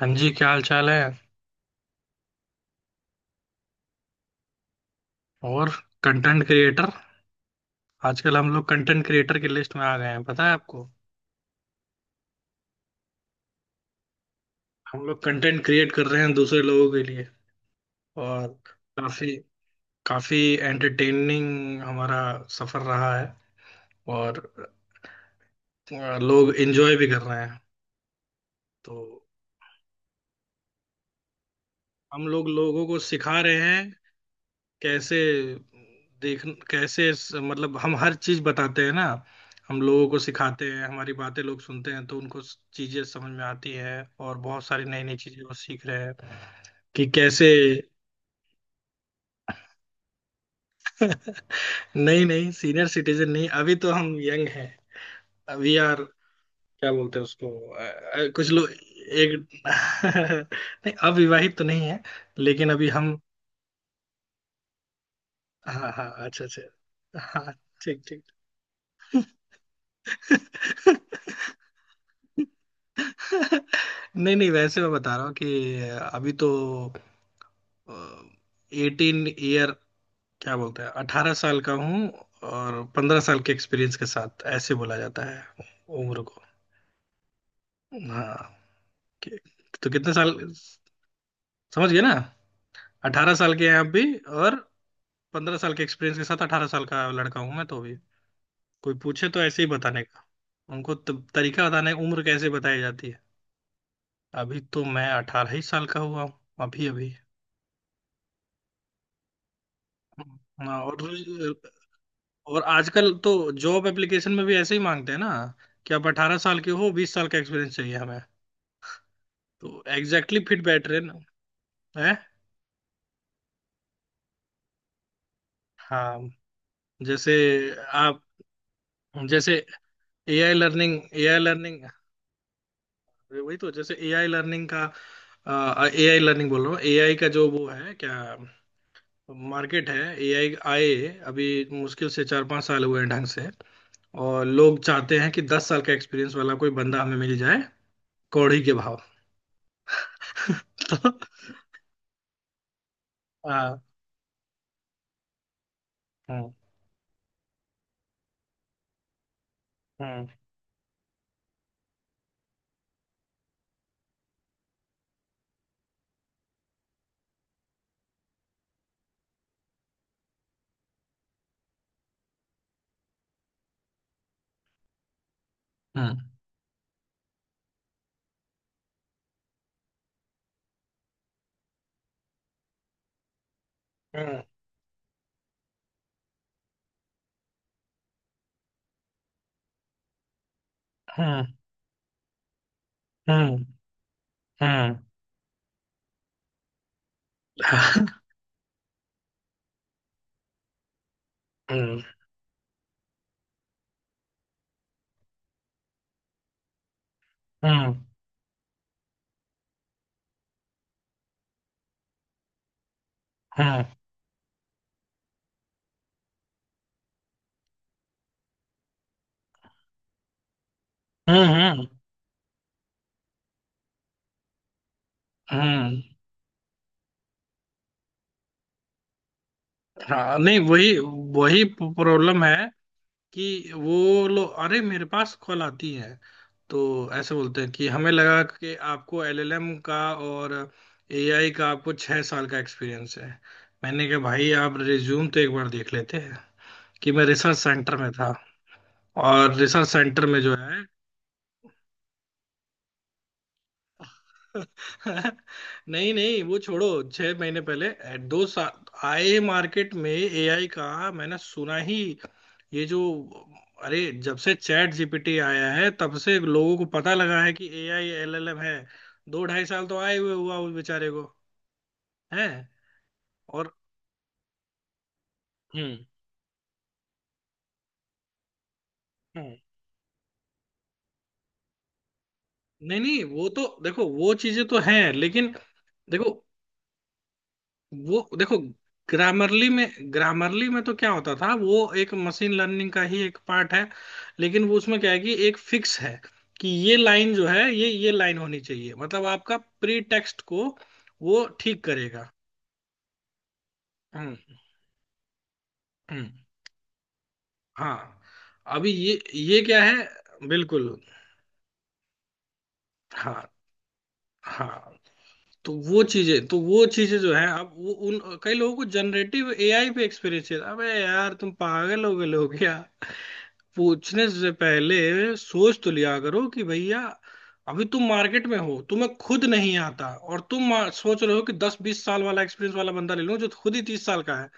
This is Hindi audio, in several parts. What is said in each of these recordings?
हाँ जी, क्या हाल चाल है। और कंटेंट क्रिएटर, आजकल हम लोग कंटेंट क्रिएटर की लिस्ट में आ गए हैं, पता है आपको। हम लोग कंटेंट क्रिएट कर रहे हैं दूसरे लोगों के लिए। और काफी, काफी एंटरटेनिंग हमारा सफर रहा है। और लोग एंजॉय भी कर रहे हैं। तो हम लोग लोगों को सिखा रहे हैं कैसे। देख कैसे मतलब हम हर चीज बताते हैं ना। हम लोगों को सिखाते हैं, हमारी बातें लोग सुनते हैं तो उनको चीजें समझ में आती है। और बहुत सारी नई नई चीजें वो सीख रहे हैं कि कैसे। नहीं नहीं, सीनियर सिटीजन नहीं, अभी तो हम यंग हैं। अभी यार क्या बोलते हैं उसको। कुछ लोग एक। नहीं, अविवाहित तो नहीं है, लेकिन अभी हम। हाँ हाँ हाँ, अच्छा अच्छा। हाँ, ठीक ठीक। नहीं नहीं, वैसे मैं बता रहा हूँ कि अभी तो एटीन ईयर, क्या बोलते हैं, 18 साल का हूँ। और 15 साल के एक्सपीरियंस के साथ ऐसे बोला जाता है उम्र को। हाँ। कि- तो कितने साल, समझ गए ना, 18 साल के हैं आप भी। और 15 साल के एक्सपीरियंस के साथ 18 साल का लड़का हूँ मैं तो भी। कोई पूछे तो ऐसे ही बताने का उनको, तब तरीका बताने उम्र कैसे बताई जाती है। अभी तो मैं 18 ही साल का हुआ हूँ, अभी अभी। हाँ, और आजकल तो जॉब एप्लीकेशन में भी ऐसे ही मांगते हैं ना कि आप 18 साल के हो, 20 साल का एक्सपीरियंस चाहिए हमें। तो एग्जैक्टली फिट बैठ रहे ना है। हाँ, जैसे आप जैसे एआई लर्निंग। एआई लर्निंग, वही तो, जैसे एआई लर्निंग का, एआई लर्निंग बोल रहा हूँ। एआई का जो वो है क्या, मार्केट है एआई, आए अभी मुश्किल से 4-5 साल हुए हैं ढंग से। और लोग चाहते हैं कि 10 साल का एक्सपीरियंस वाला कोई बंदा हमें मिल जाए, कौड़ी के भाव। हाँ हाँ हाँ, हाँ हाँ हाँ हाँ हाँ। हम्म, हम्म, हम्म, हम्म, हम्म, हाँ। नहीं वही, वही प्रॉब्लम है कि वो लोग, अरे मेरे पास कॉल आती है तो ऐसे बोलते हैं कि हमें लगा कि आपको एलएलएम का और एआई का आपको 6 साल का एक्सपीरियंस है। मैंने कहा भाई आप रिज्यूम तो एक बार देख लेते हैं कि मैं रिसर्च सेंटर में था, और रिसर्च सेंटर में जो है। नहीं नहीं, वो छोड़ो। 6 महीने पहले 2 साल आए मार्केट में एआई का, मैंने सुना ही। ये जो, अरे जब से चैट जीपीटी आया है तब से लोगों को पता लगा है कि एआई एलएलएम है। 2-2.5 साल तो आए हुए हुआ उस बेचारे को है। और हम्म। हम्म। नहीं नहीं, वो तो देखो, वो चीजें तो हैं, लेकिन देखो, वो देखो ग्रामरली में। ग्रामरली में तो क्या होता था, वो एक मशीन लर्निंग का ही एक पार्ट है, लेकिन वो उसमें क्या है कि एक फिक्स है कि ये लाइन जो है, ये लाइन होनी चाहिए, मतलब आपका प्री टेक्स्ट को वो ठीक करेगा। हम्म। हम्म, हाँ। अभी ये क्या है बिल्कुल। हाँ। हाँ। तो वो चीजें तो, वो चीजें जो है अब वो, उन कई लोगों को जनरेटिव एआई पे एक्सपीरियंस है। अबे यार तुम पागल हो गए हो क्या, पूछने से पहले सोच तो लिया करो कि भैया अभी तुम मार्केट में हो, तुम्हें खुद नहीं आता। और तुम सोच रहे हो कि 10-20 साल वाला एक्सपीरियंस वाला बंदा ले लूं, जो खुद ही 30 साल का है।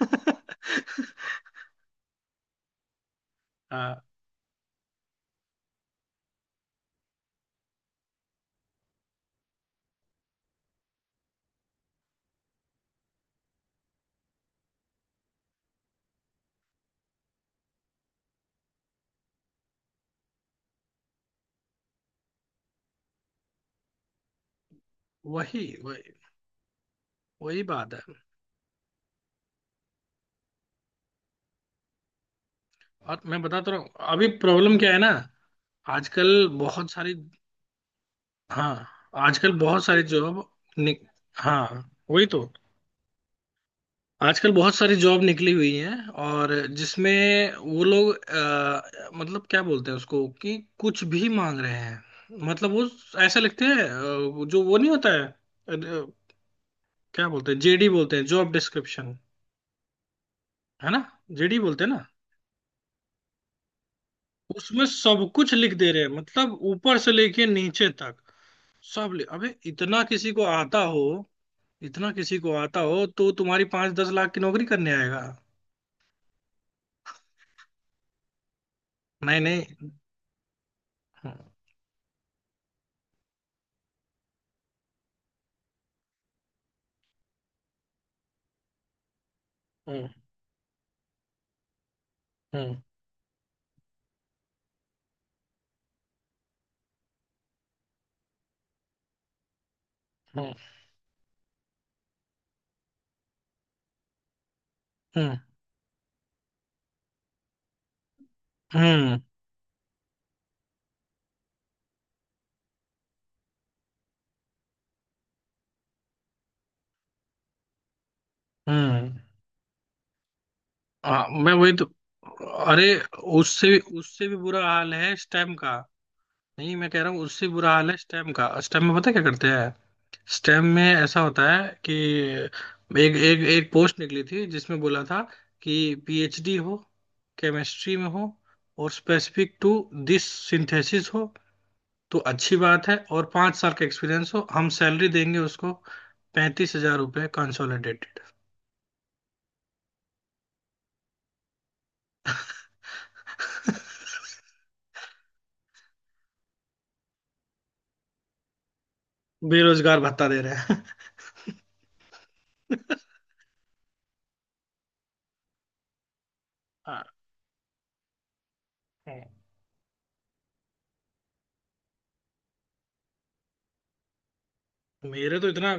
हाँ, वही, वही, वही बात है। और मैं बताता रहा हूँ, अभी प्रॉब्लम क्या है ना, आजकल बहुत सारी, हाँ, आजकल बहुत सारी जॉब नि- हाँ वही तो, आजकल बहुत सारी जॉब निकली हुई हैं। और जिसमें वो लोग मतलब क्या बोलते हैं उसको, कि कुछ भी मांग रहे हैं, मतलब वो ऐसा लिखते हैं जो वो नहीं होता है। क्या बोलते हैं, जेडी बोलते हैं, जॉब डिस्क्रिप्शन, है ना। जेडी बोलते हैं ना। उसमें सब कुछ लिख दे रहे हैं, मतलब ऊपर से लेके नीचे तक, सब लिख, अबे इतना किसी को आता हो, इतना किसी को आता हो तो तुम्हारी पांच दस लाख की नौकरी करने आएगा। नहीं नहीं। हम्म, हम्म, हम्म, हम्म। हम्म, हम्म, हम्म। हाँ, मैं वही तो। अरे उससे भी, उससे भी बुरा हाल है स्टेम का। नहीं मैं कह रहा हूँ, उससे बुरा हाल है स्टेम का, स्टेम में पता है क्या करते हैं। स्टेम में ऐसा होता है कि एक एक एक पोस्ट निकली थी जिसमें बोला था कि पीएचडी हो, केमिस्ट्री में हो, और स्पेसिफिक टू दिस सिंथेसिस हो तो अच्छी बात है, और 5 साल का एक्सपीरियंस हो, हम सैलरी देंगे उसको ₹35,000 कंसोलिडेटेड। बेरोजगार भत्ता दे रहे हैं। हाँ, है। मेरे तो इतना,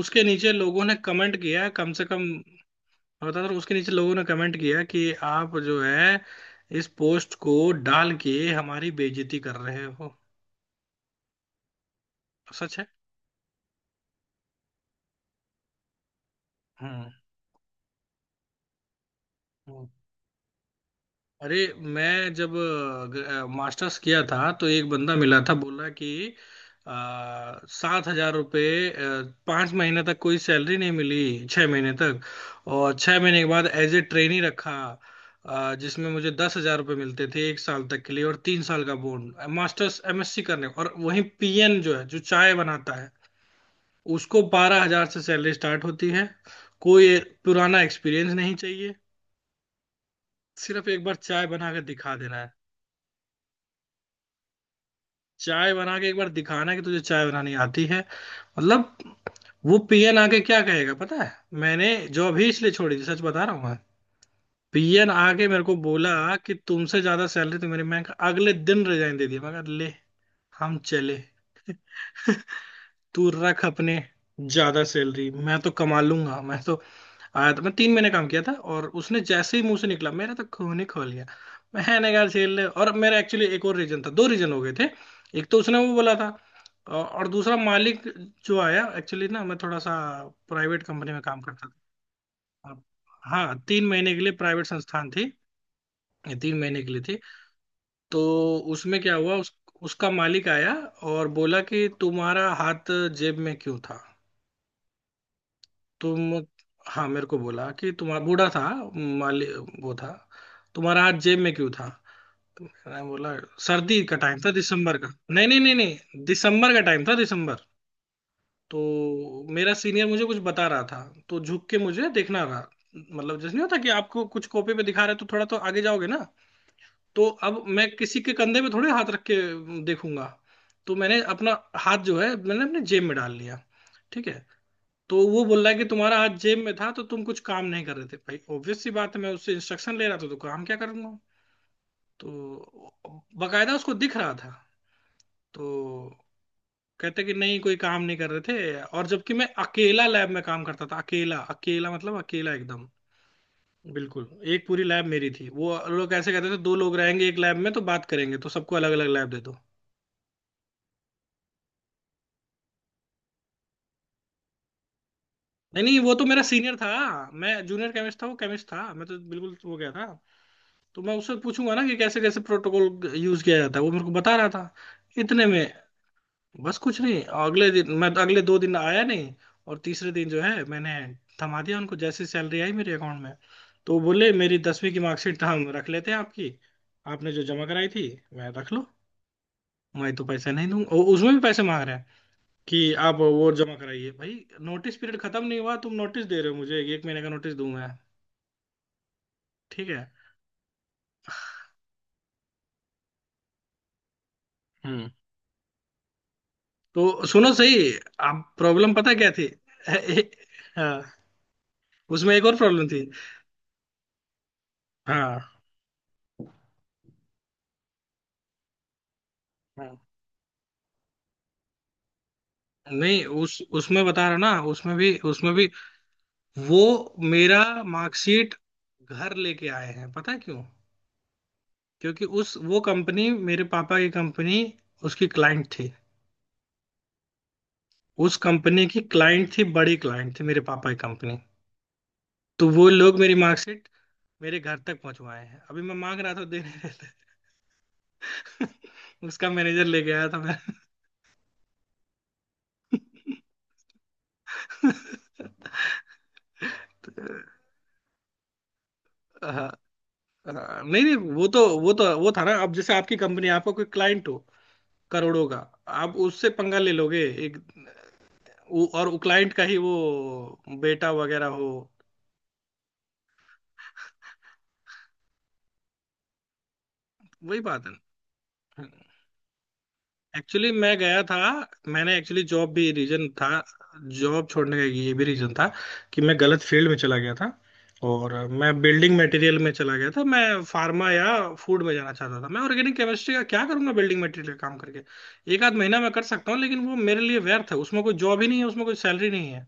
उसके नीचे लोगों ने कमेंट किया है, कम से कम मैं बता रहा हूँ, उसके नीचे लोगों ने कमेंट किया है कि आप जो है इस पोस्ट को डाल के हमारी बेइज्जती कर रहे हो। सच है। हम्म। अरे मैं जब मास्टर्स किया था तो एक बंदा मिला था बोला कि आ, ₹7,000, 5 महीने तक कोई सैलरी नहीं मिली, 6 महीने तक। और 6 महीने के बाद एज ए ट्रेनी रखा, जिसमें मुझे ₹10,000 मिलते थे एक साल तक के लिए, और 3 साल का बोन। मास्टर्स एमएससी करने, और वहीं पीएन जो है, जो चाय बनाता है, उसको 12,000 से सैलरी स्टार्ट होती है। कोई पुराना एक्सपीरियंस नहीं चाहिए, सिर्फ एक बार चाय बना कर दिखा देना। चाय बना के एक बार दिखाना कि तुझे चाय बनानी आती है, मतलब। वो पीएन आके क्या कहेगा पता है। मैंने जॉब ही इसलिए छोड़ी थी, सच बता रहा हूँ मैं। पीएन आके मेरे को बोला कि तुमसे ज्यादा सैलरी तो मेरी। मैं अगले दिन रिजाइन दे दिया, मैं कहा, ले, हम चले। तू रख अपने, ज्यादा सैलरी मैं तो कमा लूंगा। मैं तो आया था, मैं 3 महीने काम किया था, और उसने जैसे ही मुंह से निकला मेरा तो खून ही खोल गया। मैंने कहा झेल ले। और मेरा एक्चुअली एक और रीजन था, दो रीजन हो गए थे। एक तो उसने वो बोला था, और दूसरा मालिक जो आया, एक्चुअली ना मैं थोड़ा सा प्राइवेट कंपनी में काम करता था। हाँ 3 महीने के लिए प्राइवेट संस्थान थी, ये 3 महीने के लिए थी। तो उसमें क्या हुआ उसका मालिक आया और बोला कि तुम्हारा हाथ जेब में क्यों था। तुम, हाँ मेरे को बोला कि तुम्हारा बूढ़ा था माली वो था, तुम्हारा हाथ जेब में क्यों था। तो मैंने बोला सर्दी का टाइम था, दिसंबर का। नहीं नहीं नहीं नहीं, दिसंबर का टाइम था, दिसंबर। तो मेरा सीनियर मुझे कुछ बता रहा था तो झुक के मुझे देखना रहा, मतलब जैसे नहीं होता कि आपको कुछ कॉपी पे दिखा रहे तो थोड़ा तो आगे जाओगे ना। तो अब मैं किसी के कंधे पे थोड़े हाथ रख के देखूंगा। तो मैंने अपना हाथ जो है, मैंने अपने जेब में डाल लिया। ठीक है। तो वो बोल रहा है कि तुम्हारा हाथ जेब में था तो तुम कुछ काम नहीं कर रहे थे। भाई ऑब्वियस सी बात है, मैं उससे इंस्ट्रक्शन ले रहा था तो काम क्या करूंगा। तो बकायदा उसको दिख रहा था। तो कहते कि नहीं कोई काम नहीं कर रहे थे, और जबकि मैं अकेला लैब में काम करता था, अकेला अकेला मतलब, अकेला एकदम बिल्कुल। एक पूरी लैब मेरी थी। वो लोग ऐसे कहते थे, दो लोग रहेंगे एक लैब में तो बात करेंगे, तो सबको अलग अलग लैब दे दो। नहीं नहीं, वो तो मेरा सीनियर था, मैं जूनियर केमिस्ट था, वो केमिस्ट था, मैं तो बिल्कुल वो गया था। तो मैं उससे पूछूंगा ना कि कैसे कैसे प्रोटोकॉल यूज किया जाता है, वो मेरे को बता रहा था। इतने में बस कुछ नहीं, अगले दिन मैं, अगले 2 दिन आया नहीं। और तीसरे दिन जो है, मैंने थमा दिया उनको जैसे सैलरी आई मेरे अकाउंट में। तो वो बोले मेरी 10वीं की मार्कशीट हम रख लेते हैं आपकी, आपने जो जमा कराई थी। मैं, रख लो, मैं तो पैसे नहीं दूंगा। और उसमें भी पैसे मांग रहे हैं कि आप वो जमा कराइए भाई। नोटिस पीरियड खत्म नहीं हुआ, तुम नोटिस दे रहे हो मुझे, एक महीने का नोटिस दूंगा। ठीक है। हम्म। तो सुनो सही, आप प्रॉब्लम पता क्या थी। हाँ, उसमें एक और प्रॉब्लम थी। हाँ हाँ, नहीं उस उसमें बता रहा ना, उसमें भी, वो मेरा मार्कशीट घर लेके आए हैं पता है क्यों। क्योंकि उस, वो कंपनी मेरे पापा की कंपनी उसकी क्लाइंट थी, उस कंपनी की क्लाइंट थी, बड़ी क्लाइंट थी मेरे पापा की कंपनी। तो वो लोग मेरी मार्कशीट मेरे घर तक पहुंचवाए हैं, अभी मैं मांग रहा था देने। उसका मैनेजर लेके आया था। मैं अ, नहीं नहीं, वो तो, वो था ना। अब जैसे आपकी कंपनी, आपका कोई क्लाइंट हो करोड़ों का, आप उससे पंगा ले लोगे। एक और वो क्लाइंट का ही वो बेटा वगैरह हो। वही बात है। एक्चुअली मैं गया था, मैंने एक्चुअली जॉब भी रीजन था, जॉब छोड़ने का ये भी रीजन था कि मैं गलत फील्ड में चला गया था। और मैं बिल्डिंग मटेरियल में चला गया था, मैं फार्मा या फूड में जाना चाहता था। मैं ऑर्गेनिक केमिस्ट्री का क्या करूंगा बिल्डिंग मटेरियल काम करके। एक आध महीना मैं कर सकता हूँ, लेकिन वो मेरे लिए व्यर्थ है, उसमें कोई जॉब ही नहीं है, उसमें कोई सैलरी नहीं है।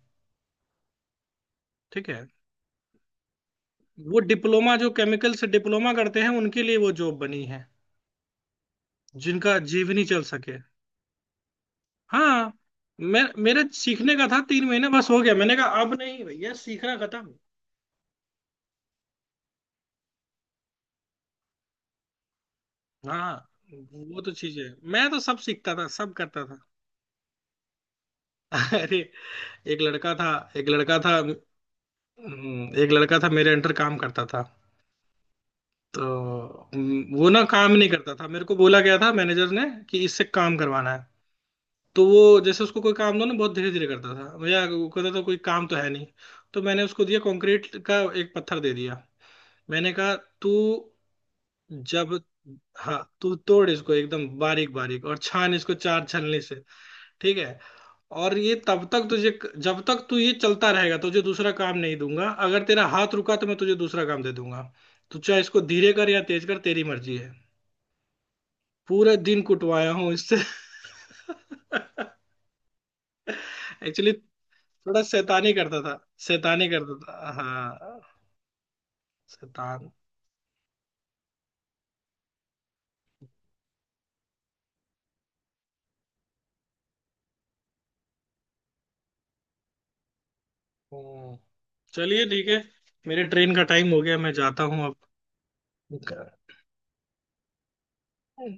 ठीक है। वो डिप्लोमा जो केमिकल से डिप्लोमा करते हैं उनके लिए वो जॉब बनी है, जिनका जीवनी चल सके। हाँ, मैं, मेरे सीखने का था, 3 महीने बस हो गया, मैंने कहा अब नहीं भैया, सीखना खत्म। हाँ, वो तो चीज है, मैं तो सब सीखता था, सब करता था। अरे, एक लड़का था एक लड़का था एक लड़का था मेरे अंडर काम करता था। तो वो ना काम नहीं करता था, मेरे को बोला गया था मैनेजर ने कि इससे काम करवाना है। तो वो, जैसे उसको कोई काम दो ना बहुत धीरे धीरे करता था, भैया वो कहता था कोई काम तो है नहीं। तो मैंने उसको दिया, कंक्रीट का एक पत्थर दे दिया। मैंने कहा तू, जब हाँ तू तोड़ इसको एकदम बारीक बारीक, और छान इसको चार छलनी से। ठीक है। और ये तब तक तुझे, जब तक तू ये चलता रहेगा तुझे दूसरा काम नहीं दूंगा, अगर तेरा हाथ रुका तो मैं तुझे दूसरा काम दे दूंगा। तू चाहे इसको धीरे कर या तेज कर, तेरी मर्जी है। पूरा दिन कुटवाया हूँ इससे। एक्चुअली, थोड़ा शैतानी करता था, शैतानी करता था, हाँ, शैतान। हम्म। चलिए ठीक है, मेरे ट्रेन का टाइम हो गया, मैं जाता हूँ। अब,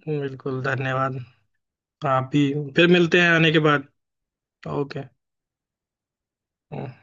बिल्कुल धन्यवाद। आप भी, फिर मिलते हैं आने के बाद। ओके। हम्म।